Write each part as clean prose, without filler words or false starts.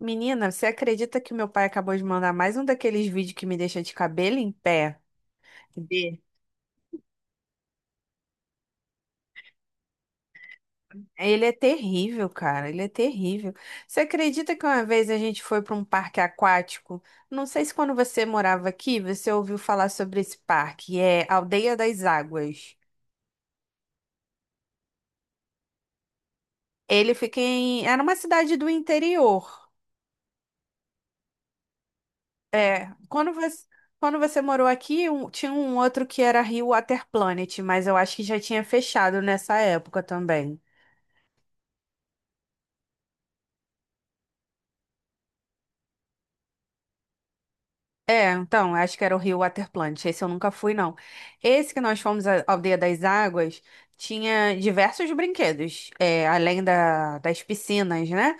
Menina, você acredita que o meu pai acabou de mandar mais um daqueles vídeos que me deixa de cabelo em pé? De- Ele é terrível, cara, ele é terrível. Você acredita que uma vez a gente foi para um parque aquático? Não sei se quando você morava aqui, você ouviu falar sobre esse parque, é Aldeia das Águas. Ele fica em. Era uma cidade do interior. É, quando você, quando você morou aqui, tinha um outro que era Rio Water Planet, mas eu acho que já tinha fechado nessa época também. É, então, acho que era o Rio Water Plant. Esse eu nunca fui, não. Esse que nós fomos, a Aldeia das Águas, tinha diversos brinquedos, é, além das piscinas, né?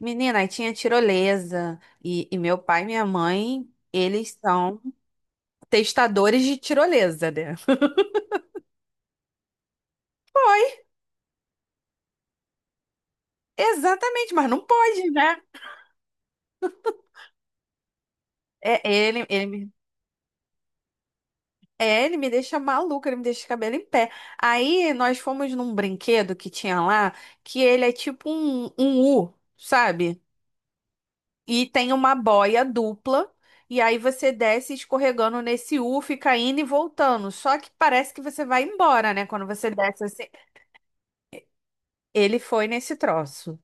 Menina, aí tinha tirolesa. E meu pai e minha mãe, eles são testadores de tirolesa, né? Exatamente, mas não pode, né? É, ele É, ele me deixa maluca, ele me deixa de cabelo em pé. Aí nós fomos num brinquedo que tinha lá, que ele é tipo um U, sabe? E tem uma boia dupla, e aí você desce escorregando nesse U, fica indo e voltando. Só que parece que você vai embora, né? Quando você desce assim. Ele foi nesse troço.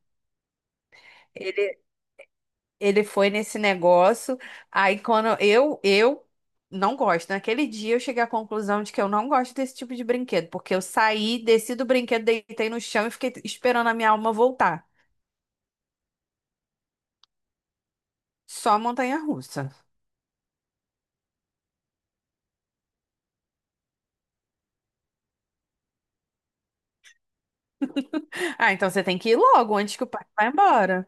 Ele foi nesse negócio. Aí quando eu não gosto. Naquele dia eu cheguei à conclusão de que eu não gosto desse tipo de brinquedo, porque eu saí, desci do brinquedo, deitei no chão e fiquei esperando a minha alma voltar. Só montanha-russa. Ah, então você tem que ir logo antes que o pai vá embora.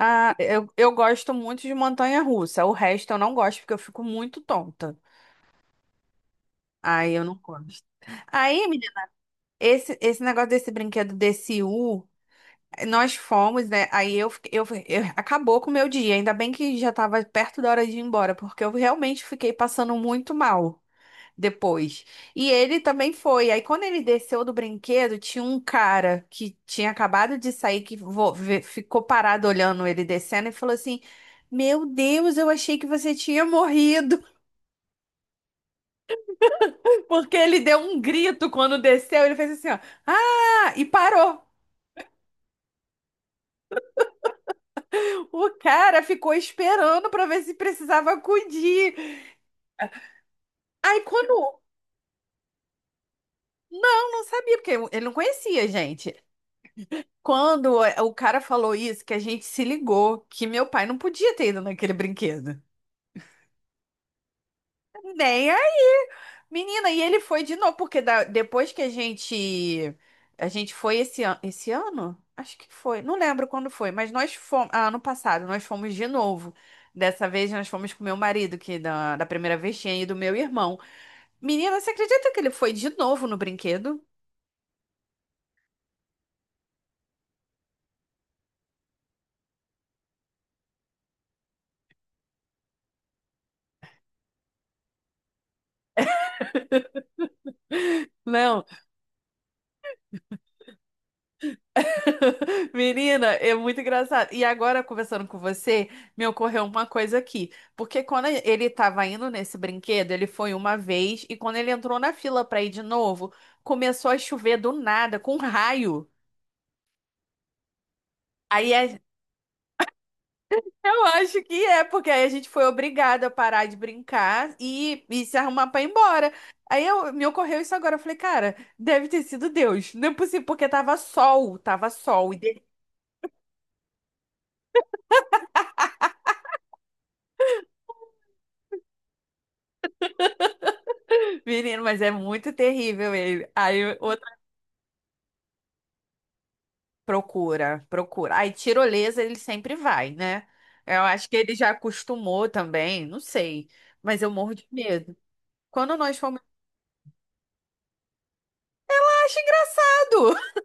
Ah, eu gosto muito de montanha-russa. O resto eu não gosto porque eu fico muito tonta. Aí eu não gosto. Aí, menina, esse negócio desse brinquedo desse U. Nós fomos, né? Aí eu, fiquei- eu- acabou com o meu dia. Ainda bem que já estava perto da hora de ir embora, porque eu realmente fiquei passando muito mal depois. E ele também foi. Aí quando ele desceu do brinquedo, tinha um cara que tinha acabado de sair que ficou parado olhando ele descendo e falou assim: Meu Deus, eu achei que você tinha morrido. Porque ele deu um grito quando desceu. Ele fez assim, ó, ah! E parou. O cara ficou esperando para ver se precisava acudir. Aí quando. Não, não sabia, porque ele não conhecia a gente. Quando o cara falou isso, que a gente se ligou, que meu pai não podia ter ido naquele brinquedo. Nem aí. Menina, e ele foi de novo, porque depois que a gente. A gente foi esse ano? Acho que foi. Não lembro quando foi, mas nós fomos. Ah, ano passado, nós fomos de novo. Dessa vez nós fomos com meu marido, que da primeira vez tinha ido meu irmão. Menina, você acredita que ele foi de novo no brinquedo? Não. Menina, é muito engraçado. E agora, conversando com você, me ocorreu uma coisa aqui. Porque quando ele estava indo nesse brinquedo, ele foi uma vez, e quando ele entrou na fila para ir de novo, começou a chover do nada, com raio. Aí a- eu acho que é, porque aí a gente foi obrigada a parar de brincar e se arrumar para ir embora. Me ocorreu isso agora. Eu falei, cara, deve ter sido Deus. Não é possível, porque tava sol, tava sol. E de Menino, mas é muito terrível ele. Aí procura, procura. Aí, tirolesa ele sempre vai, né? Eu acho que ele já acostumou também, não sei. Mas eu morro de medo. Quando nós fomos. "Ah, acho engraçado!"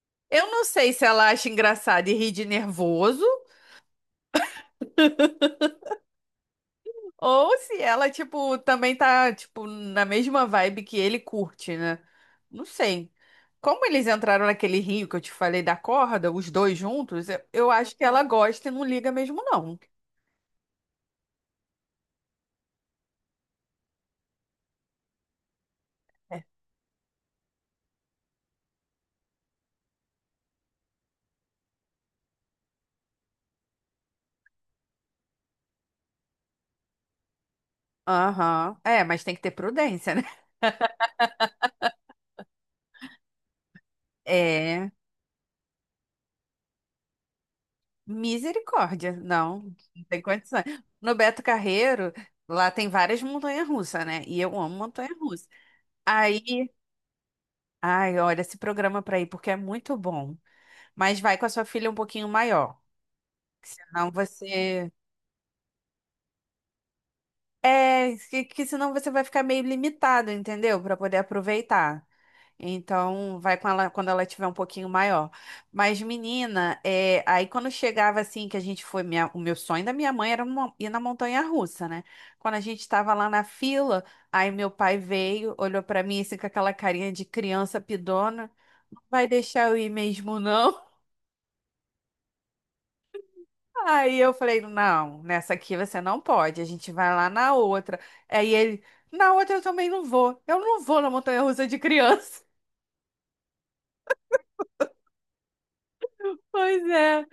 Eu não sei se ela acha engraçado e ri de nervoso, ou se ela, tipo, também tá, tipo, na mesma vibe que ele curte, né? Não sei. Como eles entraram naquele rio que eu te falei da corda, os dois juntos, eu acho que ela gosta e não liga mesmo, não. Aham. É, mas tem que ter prudência, né? É. Misericórdia, não, não tem condições. No Beto Carreiro, lá tem várias montanhas-russas, né? E eu amo montanha-russa. Aí, ai, olha, esse programa pra ir, porque é muito bom. Mas vai com a sua filha um pouquinho maior, que senão você. É, que senão você vai ficar meio limitado, entendeu? Pra poder aproveitar. Então, vai com ela quando ela tiver um pouquinho maior. Mas, menina, é, aí quando chegava assim, que a gente foi, o meu sonho da minha mãe era ir na montanha-russa, né? Quando a gente estava lá na fila, aí meu pai veio, olhou pra mim assim com aquela carinha de criança pidona, não vai deixar eu ir mesmo, não? Aí eu falei, não, nessa aqui você não pode, a gente vai lá na outra. Aí ele, na outra eu também não vou, eu não vou na montanha-russa de criança. Pois é.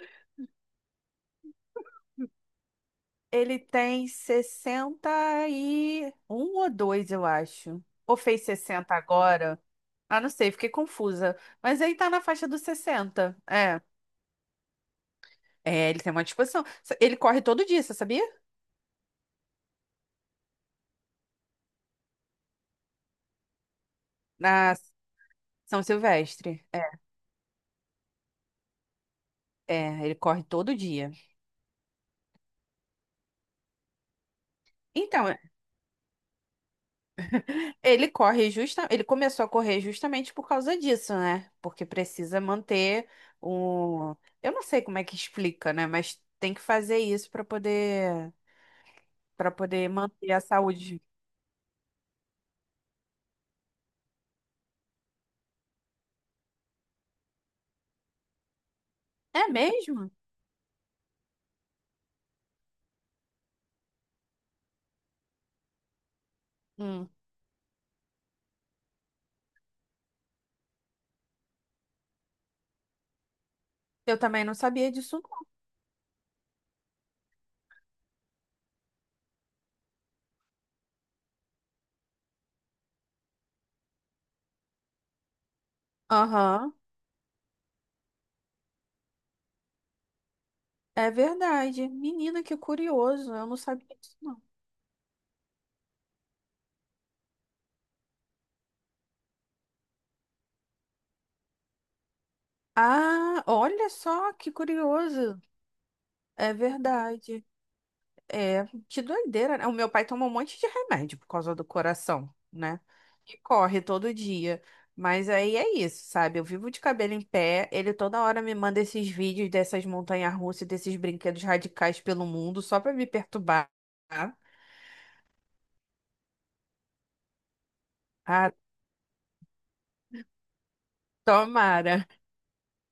Ele tem 61 ou 2, eu acho. Ou fez 60 agora? Ah, não sei, fiquei confusa. Mas aí tá na faixa dos sessenta. É. É, ele tem uma disposição. Ele corre todo dia, você sabia? Na São Silvestre. É, é, ele corre todo dia. Então, ele começou a correr justamente por causa disso, né? Porque precisa manter o, eu não sei como é que explica, né? Mas tem que fazer isso para poder manter a saúde. É mesmo? Hum. Eu também não sabia disso, não. Aham, é verdade. Menina, que curioso. Eu não sabia disso, não. Ah, olha só que curioso. É verdade. É, que doideira, né? O meu pai toma um monte de remédio por causa do coração, né? E corre todo dia. Mas aí é isso, sabe? Eu vivo de cabelo em pé. Ele toda hora me manda esses vídeos dessas montanhas-russas, desses brinquedos radicais pelo mundo, só pra me perturbar. Ah, tomara.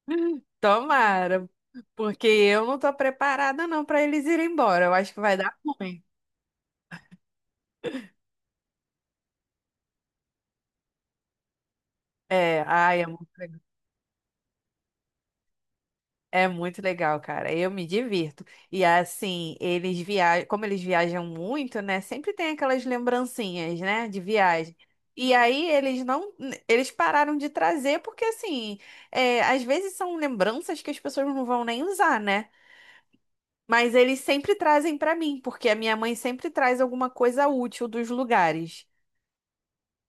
Tomara. Porque eu não tô preparada não para eles irem embora. Eu acho que vai dar ruim. É, ai, é muito legal. É muito legal, cara. Eu me divirto. E assim, eles viajam, como eles viajam muito, né? Sempre tem aquelas lembrancinhas, né, de viagem. E aí eles não, eles pararam de trazer porque assim, é, às vezes são lembranças que as pessoas não vão nem usar, né? Mas eles sempre trazem pra mim, porque a minha mãe sempre traz alguma coisa útil dos lugares.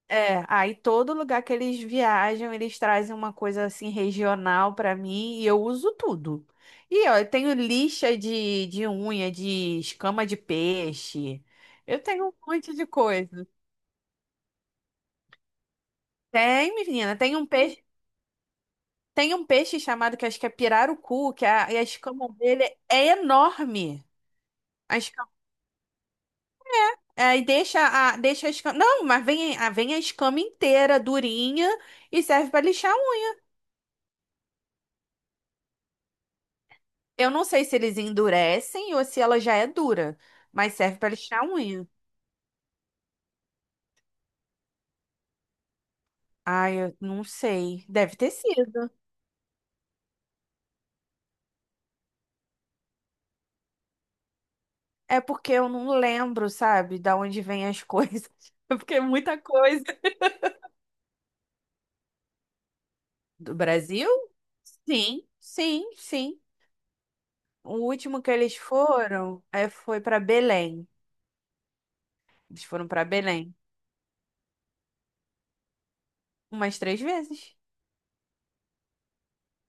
É, aí todo lugar que eles viajam, eles trazem uma coisa assim regional pra mim e eu uso tudo. E ó, eu tenho lixa de unha, de escama de peixe. Eu tenho um monte de coisa. Tem, menina, tem um peixe chamado que acho que é pirarucu, e a escama dele é enorme. É, e deixa a escama. Não, mas vem a escama inteira, durinha, e serve pra lixar a unha. Eu não sei se eles endurecem ou se ela já é dura, mas serve pra lixar a unha. Ai, eu não sei. Deve ter sido. É porque eu não lembro, sabe, da onde vem as coisas. Porque é muita coisa. Do Brasil? Sim, sim, sim. O último que eles foram foi pra Belém. Eles foram pra Belém umas três vezes.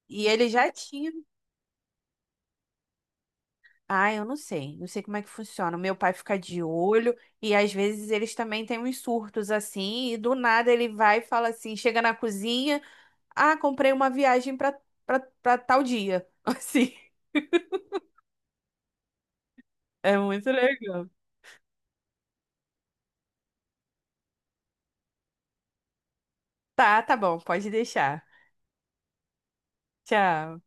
E ele já tinha. Ah, eu não sei. Não sei como é que funciona. O meu pai fica de olho e às vezes eles também têm uns surtos assim, e do nada ele vai e fala assim, chega na cozinha, ah, comprei uma viagem pra, pra tal dia. Assim, é muito legal. Tá, tá bom, pode deixar. Tchau.